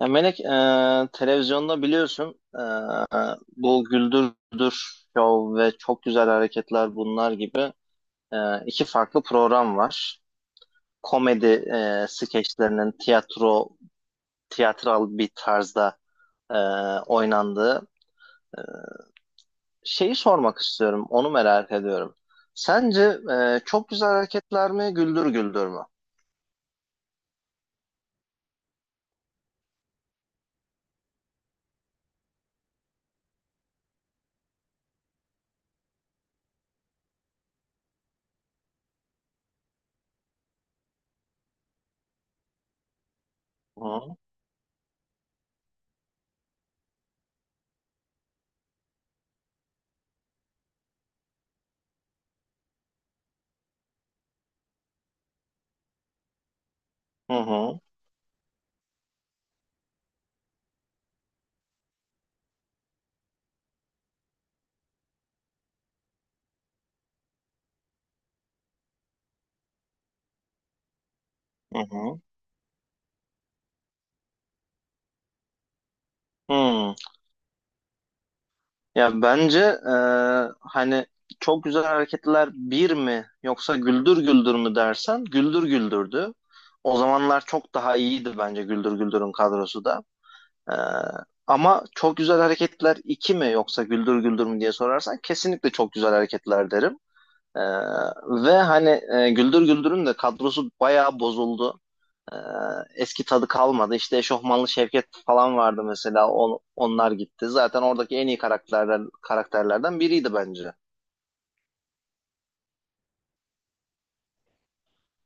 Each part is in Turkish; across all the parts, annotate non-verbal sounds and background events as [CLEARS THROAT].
Ya Melek, televizyonda biliyorsun, bu Güldürdür Show ve Çok Güzel Hareketler bunlar gibi iki farklı program var. Komedi skeçlerinin tiyatro, tiyatral bir tarzda e, oynandığı şeyi sormak istiyorum. Onu merak ediyorum. Sence çok güzel hareketler mi, güldür güldür mü? Hı hı hı hı. Hı. Ya bence, hani çok güzel hareketler bir mi yoksa güldür güldür mü dersen güldür güldürdü. O zamanlar çok daha iyiydi bence, güldür güldürün kadrosu da. E, Ama çok güzel hareketler iki mi yoksa güldür güldür mü diye sorarsan kesinlikle çok güzel hareketler derim. E, Ve hani, güldür güldürün de kadrosu bayağı bozuldu. Ee, Eski tadı kalmadı. İşte Eşofmanlı Şevket falan vardı mesela. Onlar gitti. Zaten oradaki en iyi karakterlerden biriydi bence.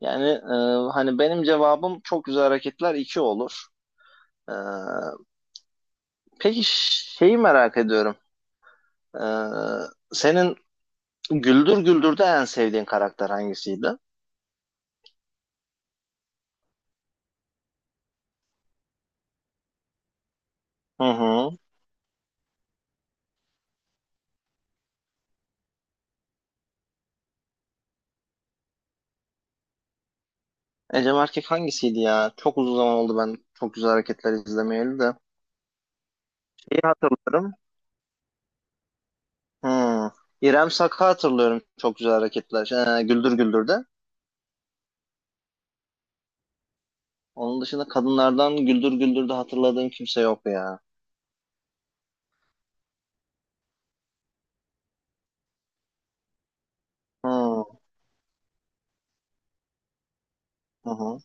Yani, hani benim cevabım çok güzel hareketler 2 olur. Ee, peki, şeyi merak ediyorum. Ee, Senin Güldür Güldür'de en sevdiğin karakter hangisiydi? Hı hı. Ecem Erkek hangisiydi ya? Çok uzun zaman oldu ben çok güzel hareketler izlemeyeli de. Şeyi hatırlıyorum. Hmm. İrem Sak'ı hatırlıyorum, çok güzel hareketler. Güldür Güldür'de. Onun dışında kadınlardan Güldür Güldür'de hatırladığım kimse yok ya. Hmm. Hı hı.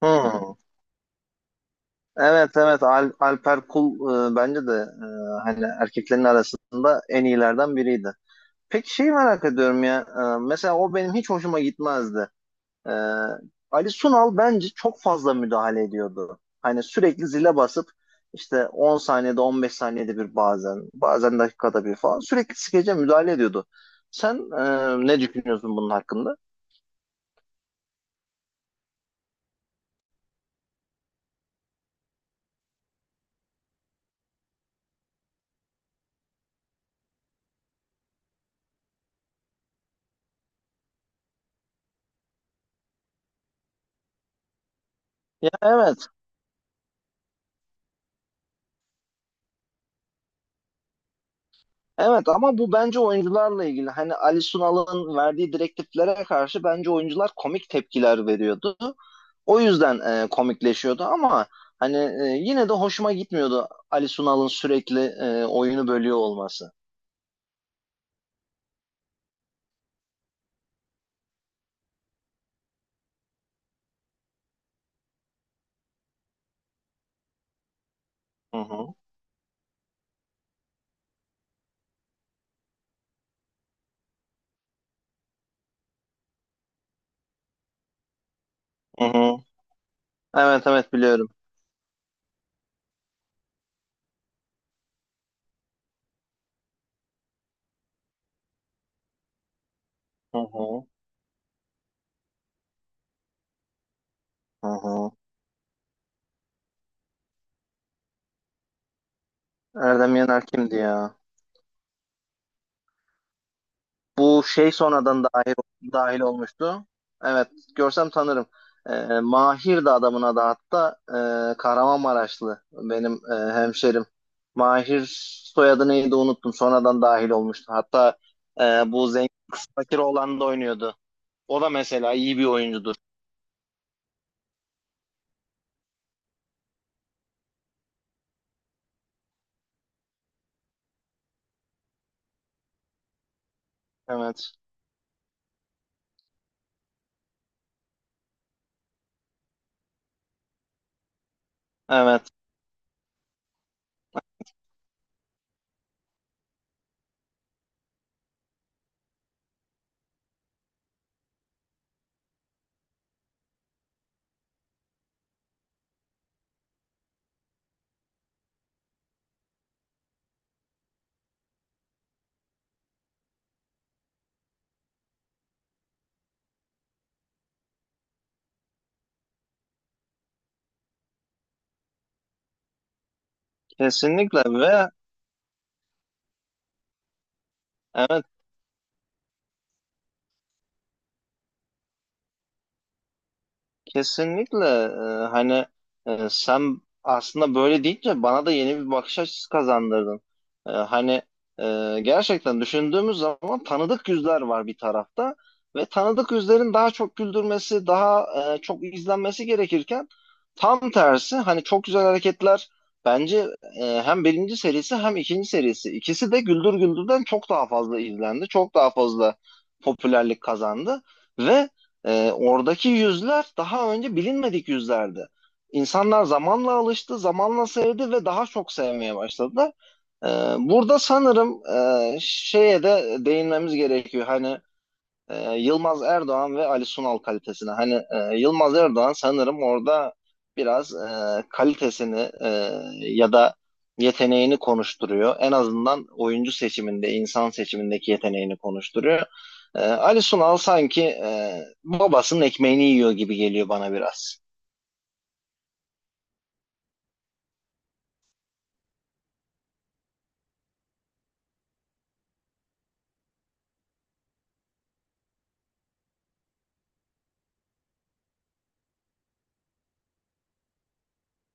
Hmm. Evet, evet, Alper Kul, bence de, hani erkeklerin arasında en iyilerden biriydi. Peki, şeyi merak ediyorum ya. Mesela o benim hiç hoşuma gitmezdi. Ee, Ali Sunal bence çok fazla müdahale ediyordu. Hani sürekli zile basıp, işte 10 saniyede, 15 saniyede bir, bazen dakikada bir falan, sürekli skece müdahale ediyordu. Sen, ne düşünüyorsun bunun hakkında? Ya evet. Evet, ama bu bence oyuncularla ilgili. Hani Ali Sunal'ın verdiği direktiflere karşı bence oyuncular komik tepkiler veriyordu. O yüzden komikleşiyordu, ama hani, yine de hoşuma gitmiyordu Ali Sunal'ın sürekli oyunu bölüyor olması. Hı hı. Hı hı. Evet, evet, biliyorum. Hı hı. Hı hı. Erdem Yener kimdi ya? Bu şey sonradan dahil olmuştu. Evet, görsem tanırım. Mahir de adamın adı, hatta Kahramanmaraşlı, benim hemşerim. Mahir soyadı neydi, unuttum. Sonradan dahil olmuştu. Hatta e, bu zengin kız fakir olan da oynuyordu. O da mesela iyi bir oyuncudur. Evet. Evet. Kesinlikle ve evet. Kesinlikle, hani, sen aslında böyle deyince bana da yeni bir bakış açısı kazandırdın. Hani, gerçekten düşündüğümüz zaman tanıdık yüzler var bir tarafta, ve tanıdık yüzlerin daha çok güldürmesi, daha çok izlenmesi gerekirken, tam tersi, hani, çok güzel hareketler, bence, hem birinci serisi hem ikinci serisi, ikisi de Güldür Güldür'den çok daha fazla izlendi, çok daha fazla popülerlik kazandı, ve oradaki yüzler daha önce bilinmedik yüzlerdi. İnsanlar zamanla alıştı, zamanla sevdi ve daha çok sevmeye başladılar. Ee, Burada sanırım, şeye de değinmemiz gerekiyor. Hani, Yılmaz Erdoğan ve Ali Sunal kalitesine. Hani, Yılmaz Erdoğan sanırım orada biraz kalitesini, ya da yeteneğini konuşturuyor. En azından oyuncu seçiminde, insan seçimindeki yeteneğini konuşturuyor. Ali Sunal sanki babasının ekmeğini yiyor gibi geliyor bana biraz.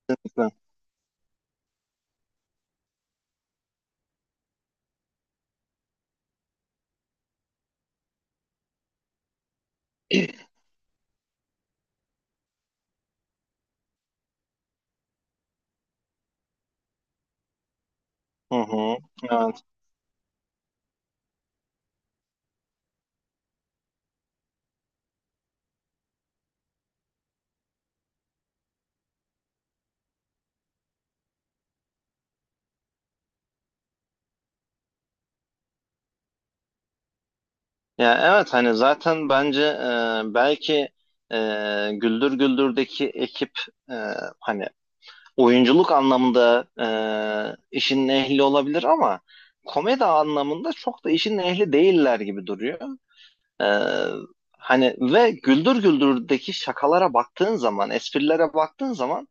[CLEARS THROAT] Hı hı. Evet. Ya evet, hani zaten bence, belki e, Güldür Güldür'deki ekip, e, hani oyunculuk anlamında, işin ehli olabilir ama komedi anlamında çok da işin ehli değiller gibi duruyor. E, Hani ve Güldür Güldür'deki şakalara baktığın zaman, esprilere baktığın zaman,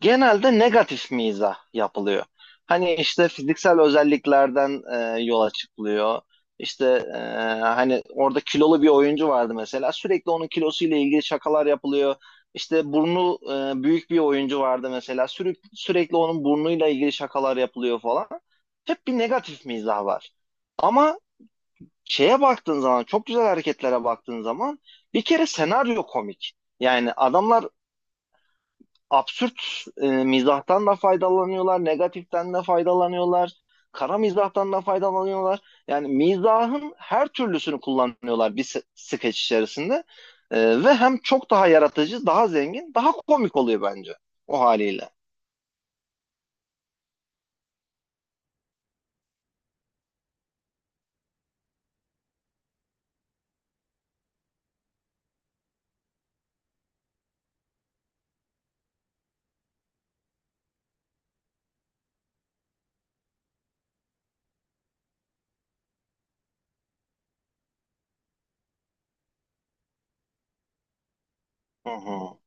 genelde negatif mizah yapılıyor. Hani işte fiziksel özelliklerden yola çıkılıyor. İşte, e, hani orada kilolu bir oyuncu vardı mesela. Sürekli onun kilosuyla ilgili şakalar yapılıyor. İşte burnu büyük bir oyuncu vardı mesela. Sürekli onun burnuyla ilgili şakalar yapılıyor falan. Hep bir negatif mizah var. Ama şeye baktığın zaman, çok güzel hareketlere baktığın zaman, bir kere senaryo komik. Yani adamlar absürt mizahtan da faydalanıyorlar, negatiften de faydalanıyorlar, kara mizahtan da faydalanıyorlar. Yani mizahın her türlüsünü kullanıyorlar bir skeç içerisinde. Ve hem çok daha yaratıcı, daha zengin, daha komik oluyor bence o haliyle. Hı hı.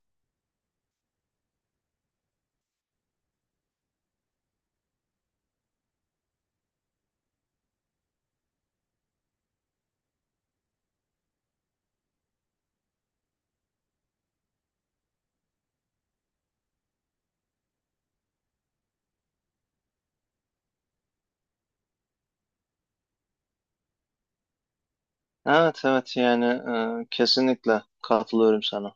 Evet, evet, yani, kesinlikle katılıyorum sana.